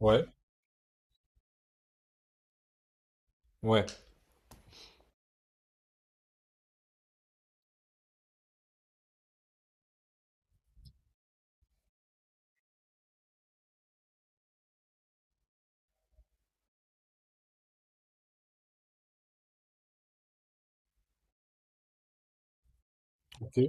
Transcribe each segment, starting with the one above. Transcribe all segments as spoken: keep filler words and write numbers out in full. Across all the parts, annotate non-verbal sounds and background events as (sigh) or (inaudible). Ouais, ouais, ok.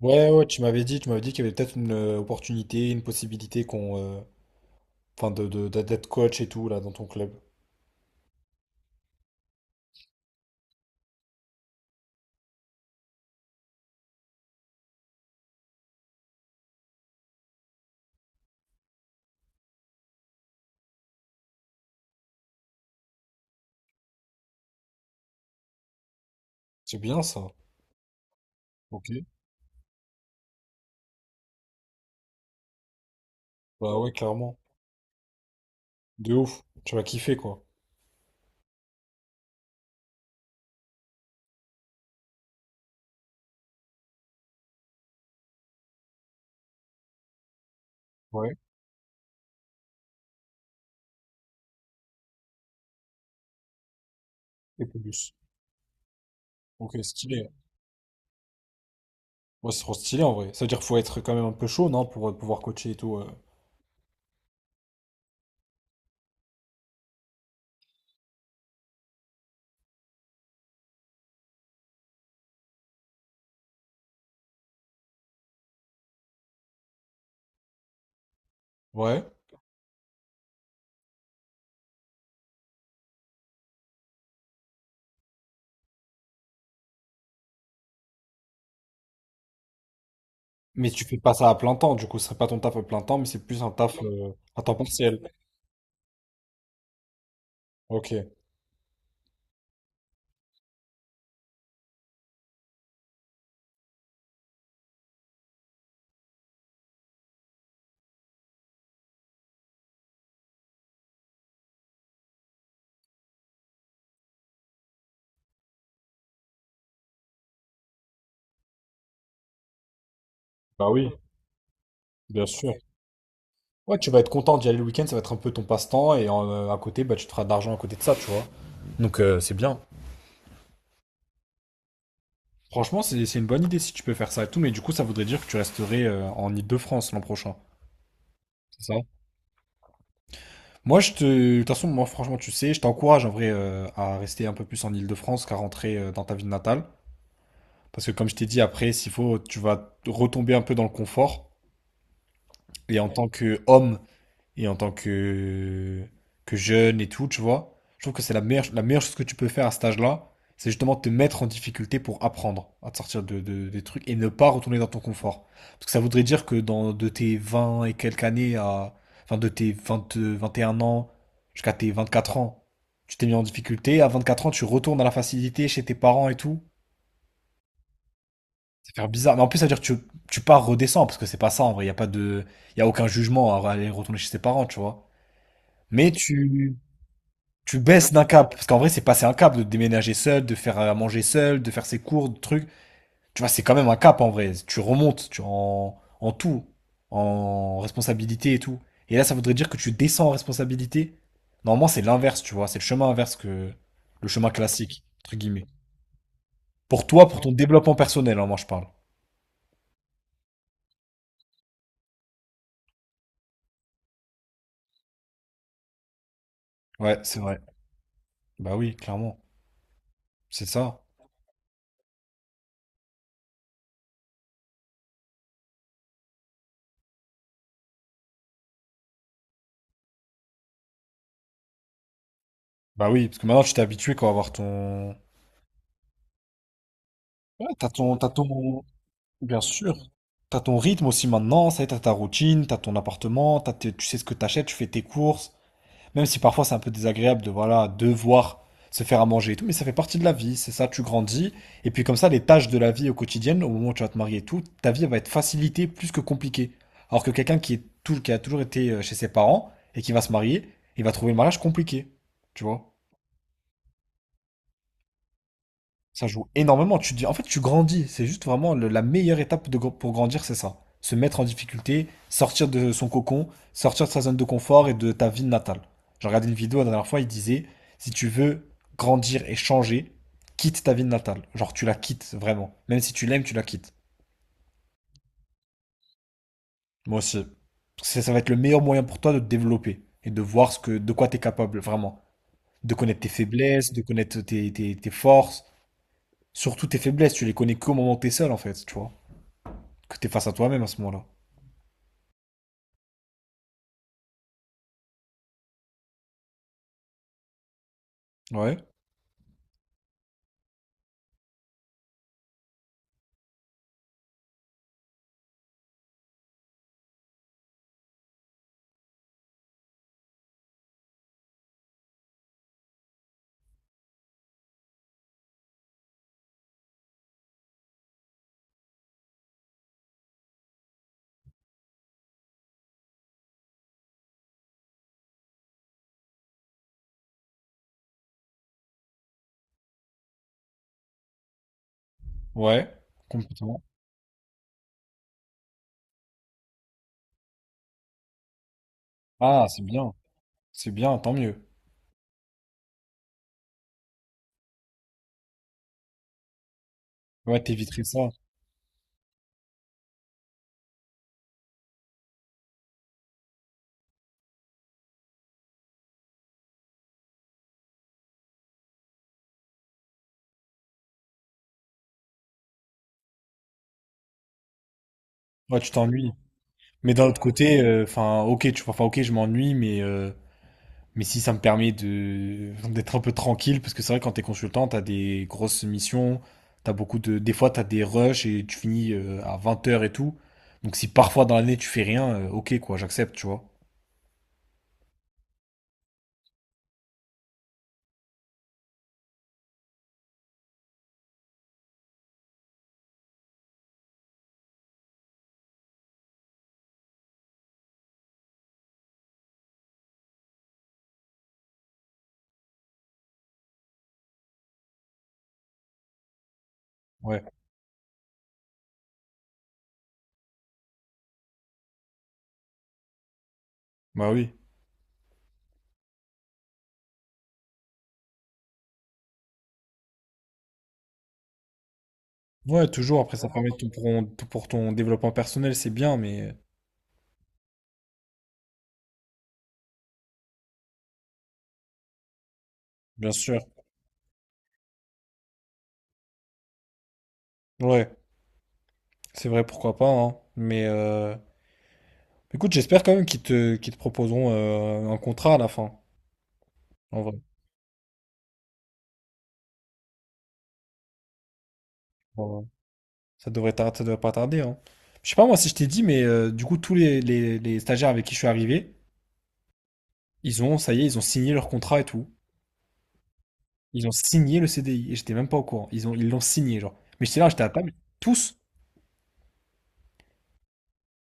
Ouais, ouais, tu m'avais dit, tu m'avais dit qu'il y avait peut-être une euh, opportunité, une possibilité qu'on, euh, enfin, de, de- de- d'être coach et tout là dans ton club. C'est bien ça. Ok. Bah ouais, clairement. De ouf. Tu vas kiffer quoi. Ouais. Et plus. Ok, stylé. Ouais, c'est trop stylé en vrai. Ça veut dire qu'il faut être quand même un peu chaud, non, pour euh, pouvoir coacher et tout. euh. Ouais. Mais tu fais pas ça à plein temps. Du coup, ce serait pas ton taf à plein temps, mais c'est plus un taf euh, à temps partiel. Ok. Bah oui, bien sûr. Ouais, tu vas être content d'y aller le week-end, ça va être un peu ton passe-temps, et euh, à côté, bah, tu te feras de l'argent à côté de ça, tu vois. Donc euh, c'est bien. Franchement, c'est c'est une bonne idée si tu peux faire ça et tout, mais du coup, ça voudrait dire que tu resterais euh, en Île-de-France l'an prochain. C'est ça? Moi, je te... De toute façon, moi, franchement, tu sais, je t'encourage en vrai euh, à rester un peu plus en Île-de-France qu'à rentrer euh, dans ta ville natale. Parce que comme je t'ai dit, après, s'il faut, tu vas retomber un peu dans le confort. Et en tant qu'homme et en tant que, que jeune et tout, tu vois. Je trouve que c'est la meilleure, la meilleure chose que tu peux faire à cet âge-là, c'est justement te mettre en difficulté pour apprendre à te sortir de, de- des trucs et ne pas retourner dans ton confort. Parce que ça voudrait dire que dans, de tes vingt et quelques années à, enfin de tes vingt vingt et un ans jusqu'à tes vingt quatre ans, tu t'es mis en difficulté. À vingt quatre ans, tu retournes à la facilité chez tes parents et tout. Ça fait bizarre. Mais en plus, ça veut dire que tu, tu pars redescends parce que c'est pas ça en vrai. Il y a pas de, il y a aucun jugement à aller retourner chez ses parents, tu vois. Mais tu, tu baisses d'un cap. Parce qu'en vrai, c'est passer un cap de déménager seul, de faire à manger seul, de faire ses cours, de trucs. Tu vois, c'est quand même un cap en vrai. Tu remontes tu en, en tout, en responsabilité et tout. Et là, ça voudrait dire que tu descends en responsabilité. Normalement, c'est l'inverse, tu vois. C'est le chemin inverse que le chemin classique, entre guillemets. Pour toi, pour ton développement personnel, hein, moi, je parle. Ouais, c'est vrai. Bah oui, clairement. C'est ça. Bah oui, parce que maintenant, tu t'es habitué quoi, à avoir ton... Ouais, t'as ton, t'as ton... Bien sûr. T'as ton rythme aussi maintenant, ça y est, t'as ta routine, t'as ton appartement, t'as tes- tu sais ce que t'achètes, tu fais tes courses. Même si parfois c'est un peu désagréable de, voilà, devoir se faire à manger et tout, mais ça fait partie de la vie, c'est ça, tu grandis. Et puis comme ça, les tâches de la vie au quotidien, au moment où tu vas te marier et tout, ta vie elle va être facilitée plus que compliquée. Alors que quelqu'un qui est tout, qui a toujours été euh, chez ses parents et qui va se marier, il va trouver le mariage compliqué. Tu vois? Ça joue énormément. Tu dis, en fait, tu grandis. C'est juste vraiment le- la meilleure étape de, gr- pour grandir, c'est ça. Se mettre en difficulté, sortir de son cocon, sortir de sa zone de confort et de ta ville natale. J'ai regardé une vidéo la dernière fois, il disait, si tu veux grandir et changer, quitte ta ville natale. Genre, tu la quittes vraiment. Même si tu l'aimes, tu la quittes. Moi aussi. Parce que ça ça va être le meilleur moyen pour toi de te développer et de voir ce que, de quoi tu es capable, vraiment. De connaître tes faiblesses, de connaître tes, tes- tes forces. Surtout tes faiblesses, tu les connais qu'au moment où t'es seul, en fait, tu vois. que t'es face à toi-même à ce moment-là. Ouais, ouais, complètement. Ah, c'est bien, c'est bien, tant mieux. Ouais, t'éviterais ça. Ouais, tu t'ennuies. Mais d'un autre côté, euh, enfin, ok, tu vois, enfin ok, je m'ennuie, mais, euh, mais si ça me permet de (laughs) d'être un peu tranquille, parce que c'est vrai, quand t'es consultant, t'as des grosses missions, t'as beaucoup de, des fois, t'as des rushs et tu finis euh, à 20 heures et tout. Donc si parfois dans l'année tu fais rien, euh, ok, quoi, j'accepte, tu vois. Ouais, bah oui. Ouais, toujours, après, ça permet tout pour, tout pour ton développement personnel, c'est bien, mais. Bien sûr. Ouais, c'est vrai, pourquoi pas, hein. Mais euh, écoute, j'espère quand même qu'ils te, qu'ils te proposeront euh, un contrat à la fin. En vrai. Bon, euh, ça devrait tar- ça devrait pas tarder, hein. Je sais pas moi si je t'ai dit, mais euh, du coup, tous les, les- les stagiaires avec qui je suis arrivé, ils ont, ça y est, ils ont signé leur contrat et tout. Ils ont signé le C D I et j'étais même pas au courant. Ils ont, ils l'ont signé, genre. Mais j'étais là, j'étais à table. Tous,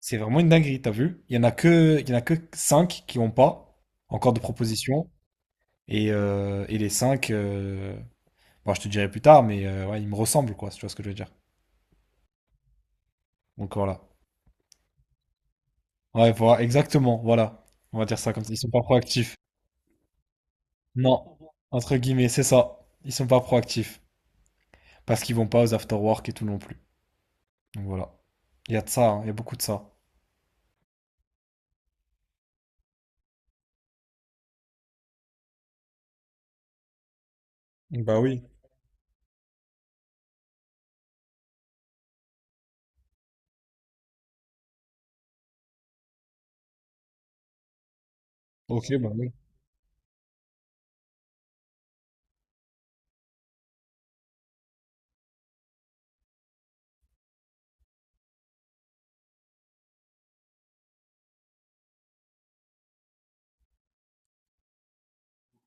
c'est vraiment une dinguerie, t'as vu? Il y en a que, il y en a que cinq qui ont pas encore de proposition et, euh, et les cinq. euh, Bon, je te dirai plus tard, mais euh, ouais, ils me ressemblent, quoi, si tu vois ce que je veux dire. Donc voilà. Ouais, voilà, exactement, voilà. On va dire ça comme ça. Ils sont pas proactifs. Non, entre guillemets, c'est ça. Ils sont pas proactifs. Parce qu'ils vont pas aux after-work et tout non plus. Donc voilà. Il y a de ça, hein, il y a beaucoup de ça. Bah oui. Ok, bah oui.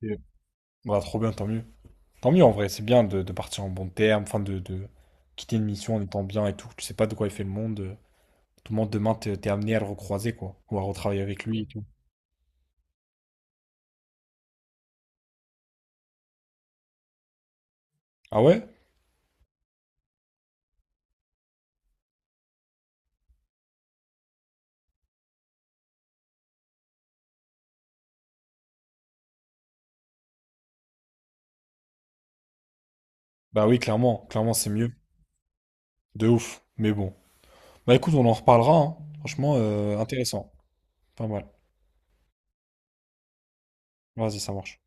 Et- Bah, trop bien, tant mieux. Tant mieux en vrai, c'est bien de, de partir en bon terme, enfin de, de quitter une mission en étant bien et tout. Tu sais pas de quoi il fait le monde. euh, Tout le monde demain, t'es t'es amené à le recroiser, quoi. Ou à retravailler avec lui et tout. Ah ouais? Bah oui, clairement, clairement, c'est mieux. De ouf. Mais bon. Bah écoute, on en reparlera, hein. Franchement, euh, intéressant. Pas mal. Vas-y, ça marche.